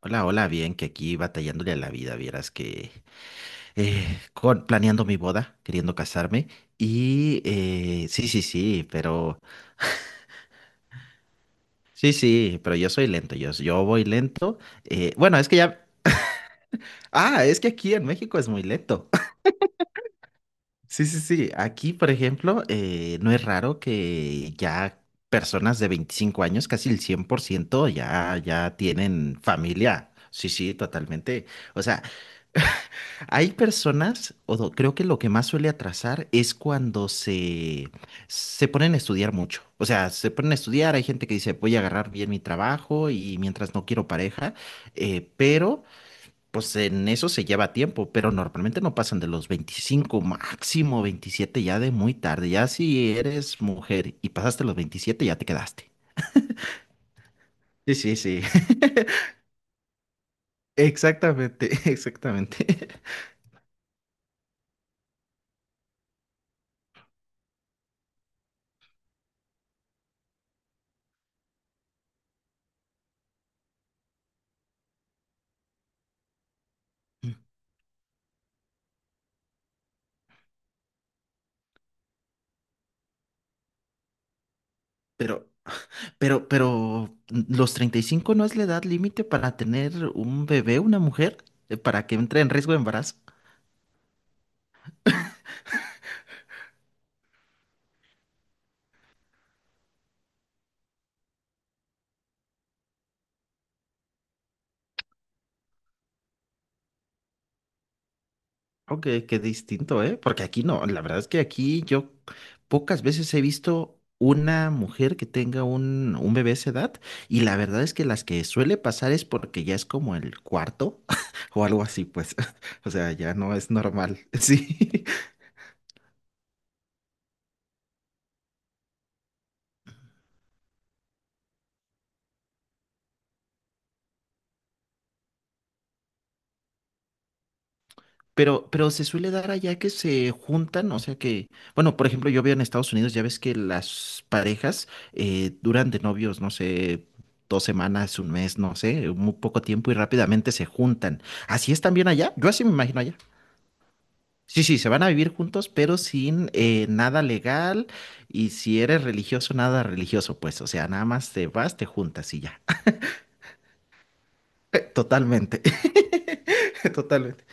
Hola, hola, bien, que aquí batallándole a la vida, vieras que planeando mi boda, queriendo casarme y sí, sí, sí, pero yo soy lento, yo voy lento. Bueno, es que ya, ah, es que aquí en México es muy lento. Sí, sí, sí, aquí, por ejemplo, no es raro que ya personas de 25 años, casi el 100%, ya tienen familia. Sí, sí, totalmente. O sea, hay personas, creo que lo que más suele atrasar es cuando se ponen a estudiar mucho. O sea, se ponen a estudiar, hay gente que dice, voy a agarrar bien mi trabajo y mientras no quiero pareja, pero pues en eso se lleva tiempo, pero normalmente no pasan de los 25, máximo 27 ya de muy tarde. Ya si eres mujer y pasaste los 27, ya te quedaste. Sí, sí, sí, exactamente, exactamente. Pero, pero, ¿los 35 no es la edad límite para tener un bebé, una mujer? ¿Para que entre en riesgo de embarazo? Oh, qué, qué distinto, ¿eh? Porque aquí no, la verdad es que aquí yo pocas veces he visto una mujer que tenga un bebé a esa edad y la verdad es que las que suele pasar es porque ya es como el cuarto o algo así, pues. O sea, ya no es normal. Sí. Pero, se suele dar allá que se juntan, o sea que, bueno, por ejemplo, yo veo en Estados Unidos, ya ves que las parejas duran de novios, no sé, dos semanas, un mes, no sé, muy poco tiempo y rápidamente se juntan. ¿Así es también allá? Yo así me imagino allá. Sí, sí, se van a vivir juntos, pero sin nada legal y si eres religioso, nada religioso, pues, o sea, nada más te vas, te juntas y ya. Totalmente. Totalmente.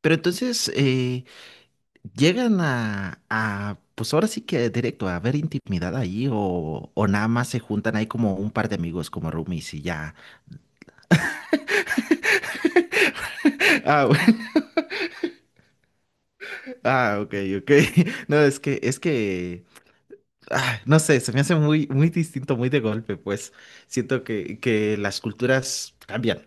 Pero entonces, ¿llegan a, pues ahora sí que directo, a ver intimidad ahí o nada más se juntan ahí como un par de amigos como roomies y ya? Ah, bueno. Ah, ok, ok. No, es que, ah, no sé, se me hace muy, muy distinto, muy de golpe, pues siento que las culturas cambian.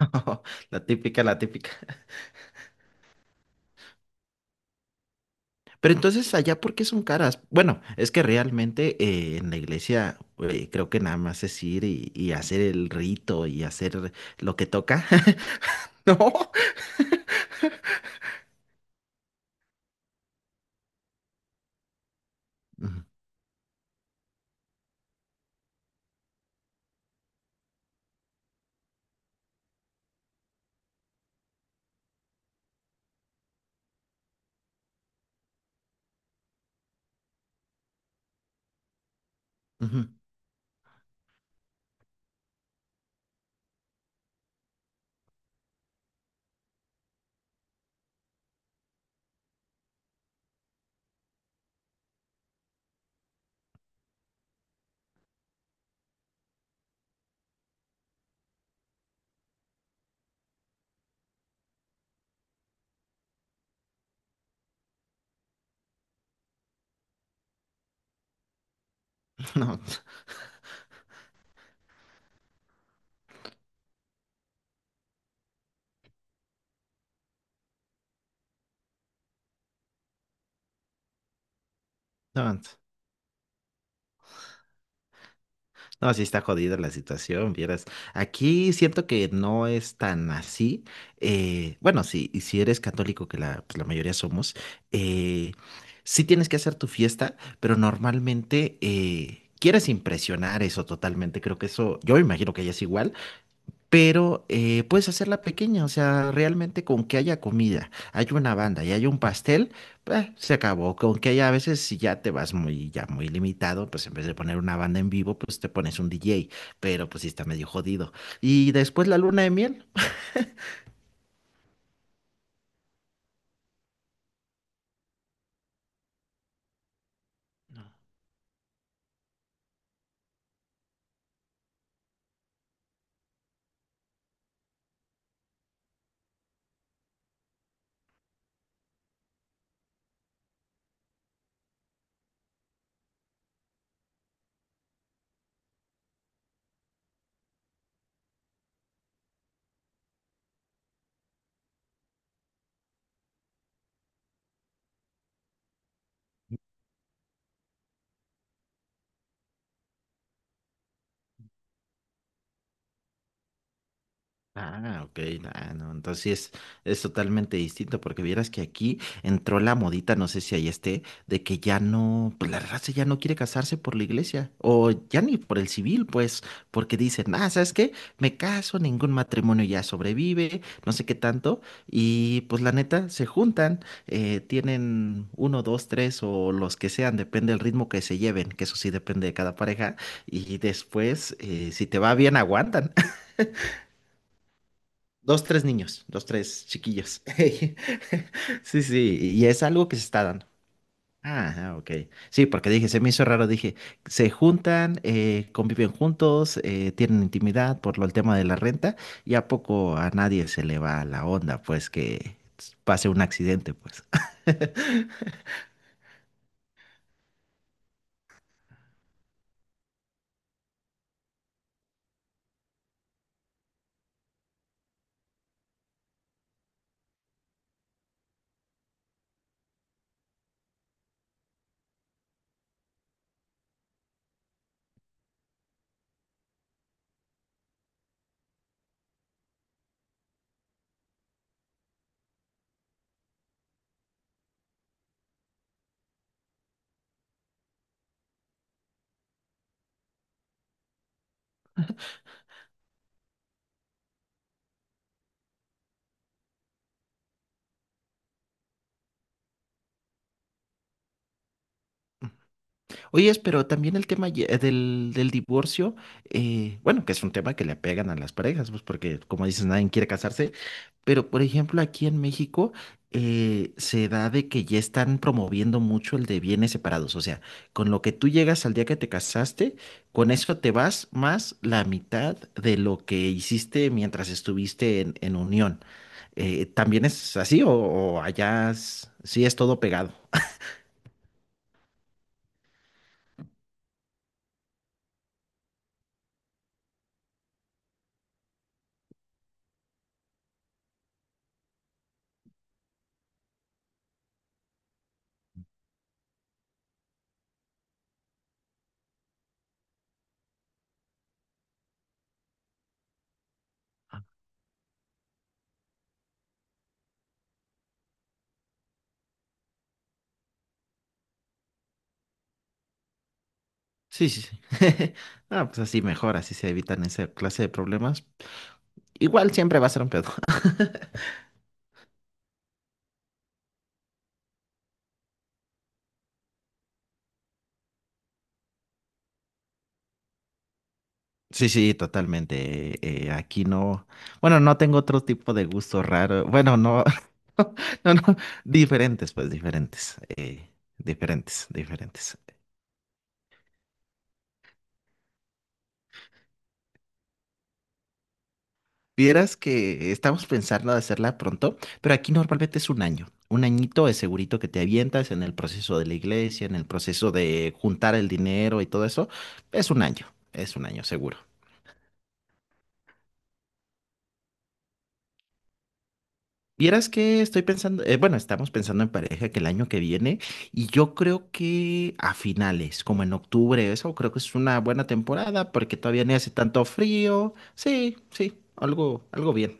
La típica, la típica. Pero entonces allá, ¿por qué son caras? Bueno, es que realmente en la iglesia creo que nada más es ir y hacer el rito y hacer lo que toca. No, ujú, ujú. No, no, no, no, sí está jodida la situación, vieras. Aquí siento que no es tan así. Bueno, sí, y si eres católico, que la, pues la mayoría somos, eh, sí tienes que hacer tu fiesta, pero normalmente quieres impresionar eso totalmente. Creo que eso, yo me imagino que ya es igual. Pero puedes hacerla pequeña, o sea, realmente con que haya comida, hay una banda y hay un pastel, se acabó. Con que haya a veces si ya te vas muy, ya muy limitado, pues en vez de poner una banda en vivo, pues te pones un DJ, pero pues sí está medio jodido. Y después la luna de miel. Ah, ok, ah, no, entonces sí es totalmente distinto, porque vieras que aquí entró la modita, no sé si ahí esté, de que ya no, pues la raza ya no quiere casarse por la iglesia, o ya ni por el civil, pues, porque dicen, ah, ¿sabes qué? Me caso, ningún matrimonio ya sobrevive, no sé qué tanto, y pues la neta, se juntan, tienen uno, dos, tres, o los que sean, depende del ritmo que se lleven, que eso sí depende de cada pareja, y después, si te va bien, aguantan. Dos, tres niños, dos, tres chiquillos. Sí, sí, y es algo que se está dando. Ah, ah, ok. Sí, porque dije, se me hizo raro, dije, se juntan, conviven juntos, tienen intimidad por lo, el tema de la renta, y a poco a nadie se le va la onda, pues que pase un accidente, pues. Oye, pero también el tema del divorcio, bueno, que es un tema que le pegan a las parejas, pues porque como dices, nadie quiere casarse, pero por ejemplo aquí en México se da de que ya están promoviendo mucho el de bienes separados, o sea, con lo que tú llegas al día que te casaste, con eso te vas más la mitad de lo que hiciste mientras estuviste en unión. ¿También es así o allá sí es todo pegado? Sí, sí, sí. Ah, pues así mejor, así se evitan esa clase de problemas. Igual siempre va a ser un pedo. Sí, sí, totalmente. Aquí no, bueno, no tengo otro tipo de gusto raro. Bueno, no, no, no, diferentes, pues diferentes, diferentes, diferentes. Vieras que estamos pensando de hacerla pronto, pero aquí normalmente es un año. Un añito es segurito que te avientas en el proceso de la iglesia, en el proceso de juntar el dinero y todo eso. Es un año, es un año seguro. Vieras que estoy pensando, bueno, estamos pensando en pareja que el año que viene y yo creo que a finales, como en octubre, eso creo que es una buena temporada porque todavía ni hace tanto frío. Sí, sí, algo, algo bien.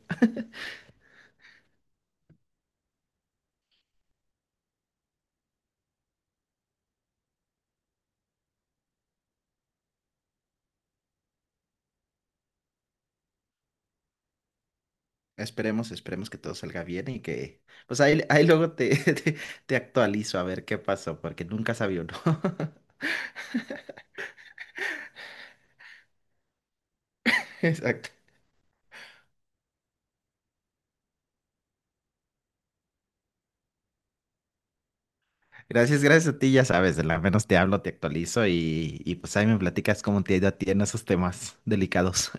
Esperemos, esperemos que todo salga bien y que, pues ahí, ahí luego te, te actualizo a ver qué pasó porque nunca sabía uno. Exacto. Gracias, gracias a ti, ya sabes, de la menos te hablo, te actualizo y pues ahí me platicas cómo te ha ido a ti en esos temas delicados.